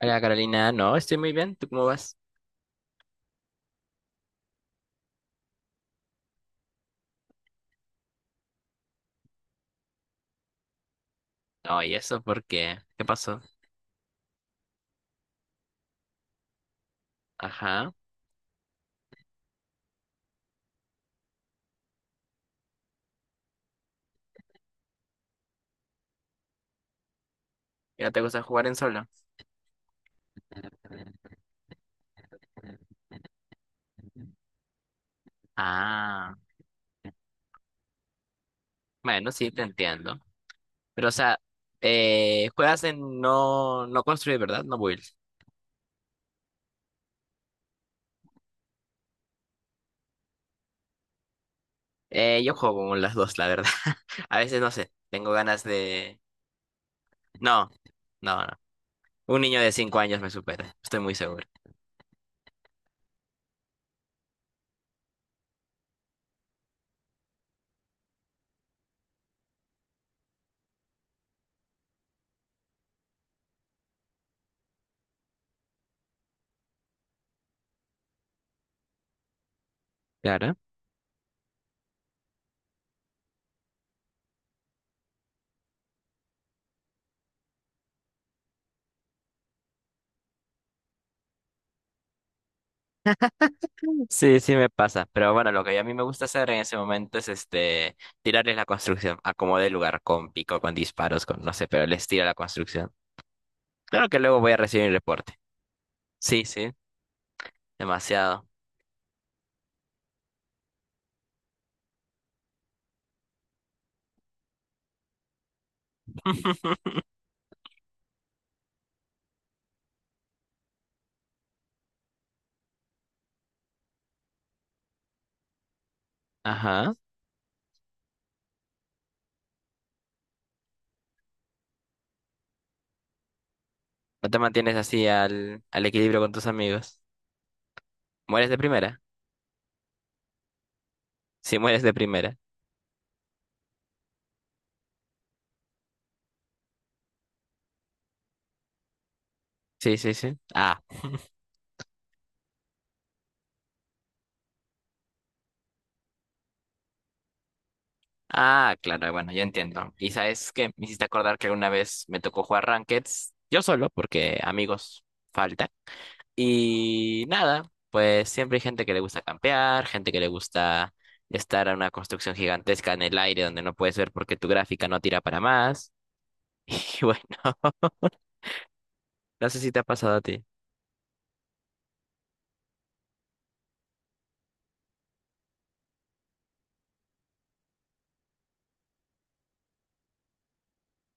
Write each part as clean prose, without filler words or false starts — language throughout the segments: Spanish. Hola Carolina, no, estoy muy bien, ¿tú cómo vas? Oh, ¿y eso por qué? ¿Qué pasó? Ajá, ¿y no te gusta jugar en solo? Ah, bueno, sí, te entiendo. Pero, o sea, juegas en no construir, ¿verdad? No build. Yo juego con las dos, la verdad. A veces, no sé, tengo ganas de. No, no, no. Un niño de 5 años me supera, estoy muy seguro. Claro. Sí, sí me pasa, pero bueno, lo que a mí me gusta hacer en ese momento es tirarles la construcción, acomodé el lugar con pico, con disparos, con no sé, pero les tiro la construcción. Claro que luego voy a recibir el reporte. Sí, sí, demasiado. Ajá. ¿No te mantienes así al equilibrio con tus amigos? ¿Mueres de primera? Sí, mueres de primera. Sí, sí, sí. Ah, claro, bueno, yo entiendo. Y sabes que me hiciste acordar que una vez me tocó jugar Rankeds, yo solo, porque amigos faltan. Y nada, pues siempre hay gente que le gusta campear, gente que le gusta estar a una construcción gigantesca en el aire donde no puedes ver porque tu gráfica no tira para más. Y bueno, no sé si te ha pasado a ti.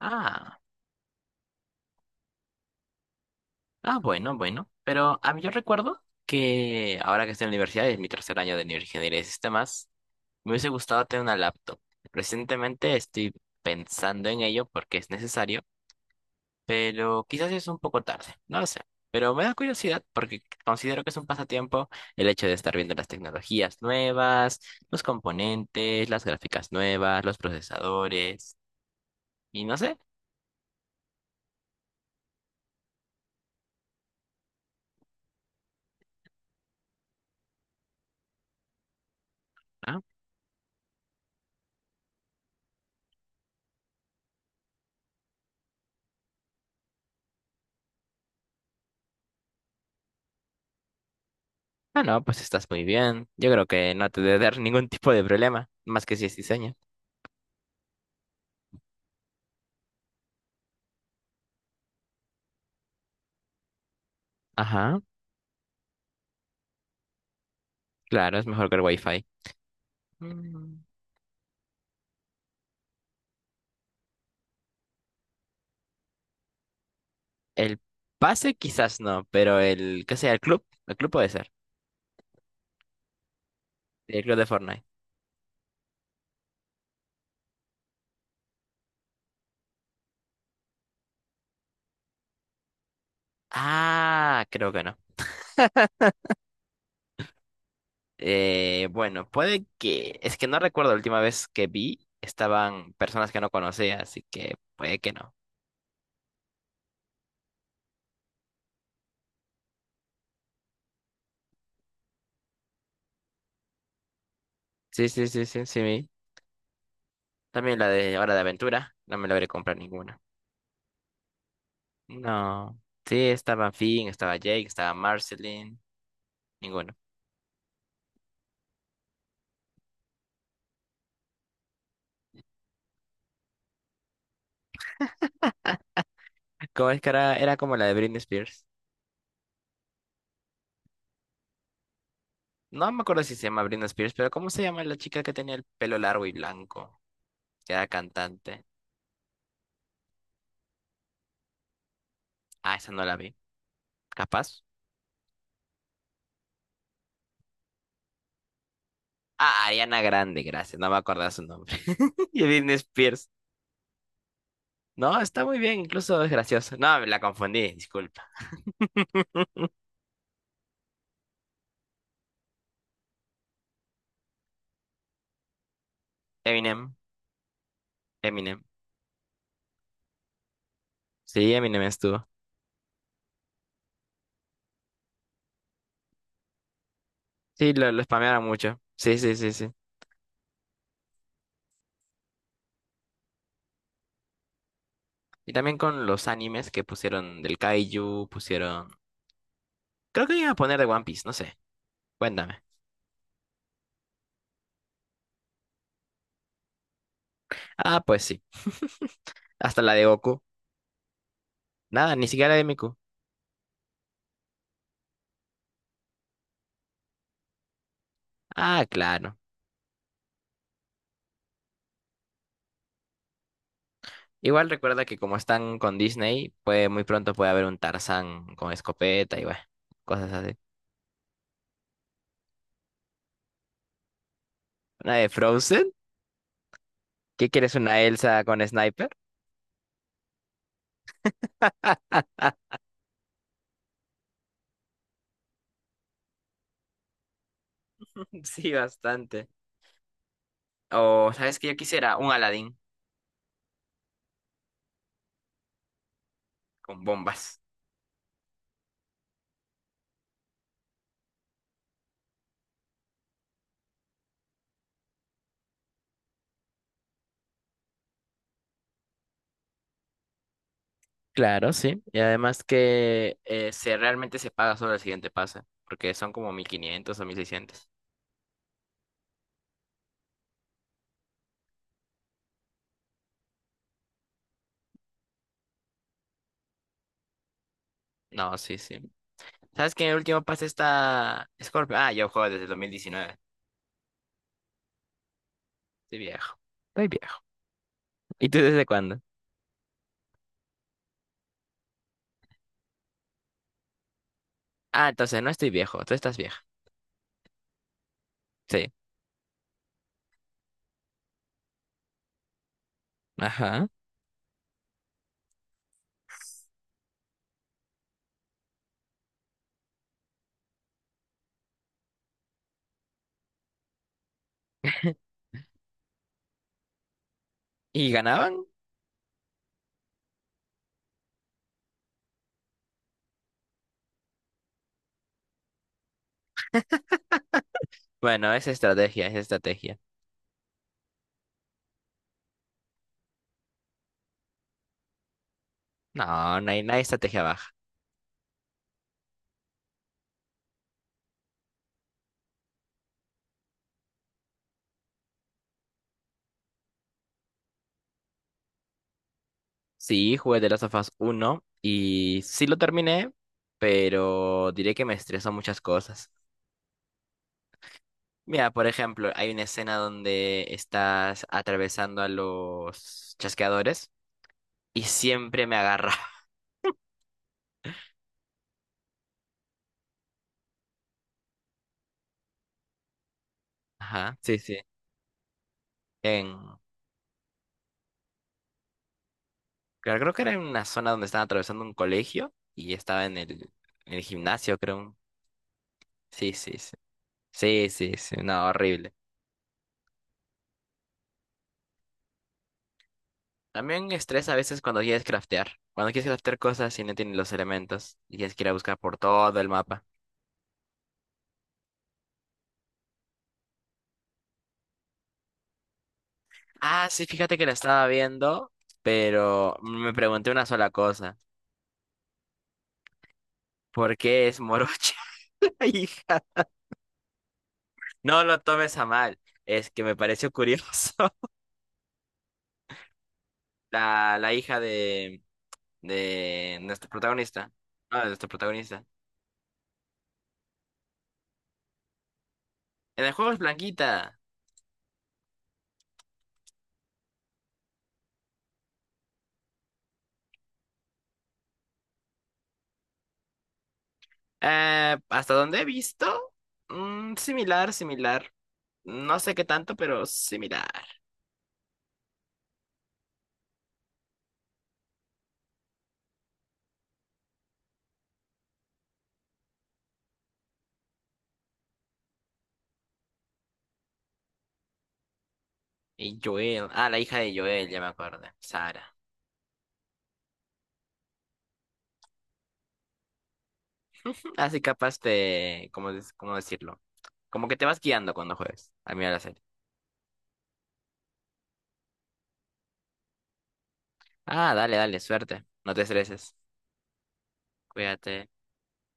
Ah, ah, bueno, bueno. Pero a mí yo recuerdo que ahora que estoy en la universidad, es mi tercer año de ingeniería de sistemas, me hubiese gustado tener una laptop. Recientemente estoy pensando en ello porque es necesario, pero quizás es un poco tarde, no lo sé. Pero me da curiosidad porque considero que es un pasatiempo el hecho de estar viendo las tecnologías nuevas, los componentes, las gráficas nuevas, los procesadores y no sé. Ah, ah, no, pues estás muy bien. Yo creo que no te debe dar ningún tipo de problema, más que si es diseño. Ajá, claro, es mejor que el Wi-Fi. Mm, El pase quizás no, pero el, ¿qué sea? El club puede ser. El club de Fortnite. Ah, creo que no. Bueno, puede que. Es que no recuerdo la última vez que vi, estaban personas que no conocía, así que puede que no. Sí, sí, sí, sí, sí. Vi. También la de Hora de Aventura, no me logré comprar ninguna. No. Sí, estaba Finn, estaba Jake, estaba Marceline, ninguno. ¿Cómo es que era como la de Britney Spears? No me acuerdo si se llama Britney Spears, pero ¿cómo se llama la chica que tenía el pelo largo y blanco? Que era cantante. Ah, esa no la vi. ¿Capaz? Ah, Ariana Grande, gracias, no me acordaba su nombre. Y Britney Spears. No, está muy bien, incluso es gracioso. No, la confundí, disculpa. Eminem, Eminem. Sí, Eminem estuvo. Sí, lo spamearon mucho. Sí, sí, sí, sí. Y también con los animes que pusieron del Kaiju, pusieron. Creo que iban a poner de One Piece, no sé. Cuéntame. Ah, pues sí. Hasta la de Goku. Nada, ni siquiera la de Miku. Ah, claro. Igual recuerda que como están con Disney, pues muy pronto puede haber un Tarzán con escopeta y bueno, cosas así. ¿Una de Frozen? ¿Qué quieres, una Elsa con sniper? Sí, bastante. O, ¿sabes qué yo quisiera? Un Aladdin con bombas. Claro, sí. Y además que se realmente se paga solo el siguiente pase, porque son como 1.500 o 1.600. No, sí, sí. ¿Sabes que el último pase está Scorpio? Ah, yo juego desde el 2019. Estoy viejo. Estoy viejo. ¿Y tú desde cuándo? Ah, entonces no estoy viejo, tú estás vieja. Sí. Ajá. ¿Y ganaban? Bueno, es estrategia, es estrategia. No, no hay estrategia baja. Sí, jugué The Last of Us 1 y sí lo terminé, pero diré que me estresó muchas cosas. Mira, por ejemplo, hay una escena donde estás atravesando a los chasqueadores y siempre me agarra. Ajá, sí, sí. En, creo que era en una zona donde estaban atravesando un colegio y estaba en el gimnasio, creo. Sí, sí, sí. Sí, sí, sí. No, horrible. También estresa a veces cuando quieres craftear. Cuando quieres craftear cosas y no tienes los elementos y tienes que ir a buscar por todo el mapa. Ah, sí, fíjate que la estaba viendo, pero me pregunté una sola cosa. ¿Por qué es morocha la hija? No lo tomes a mal, es que me pareció curioso. La hija de nuestro protagonista. No, de nuestro protagonista. En el juego es blanquita. ¿Hasta donde he visto? Similar, similar. No sé qué tanto, pero similar. Y Joel, ah, la hija de Joel, ya me acuerdo, Sara. Así capaz te, ¿cómo, cómo decirlo? Como que te vas guiando cuando juegas, al mirar la serie. Ah, dale, dale, suerte, no te estreses, cuídate.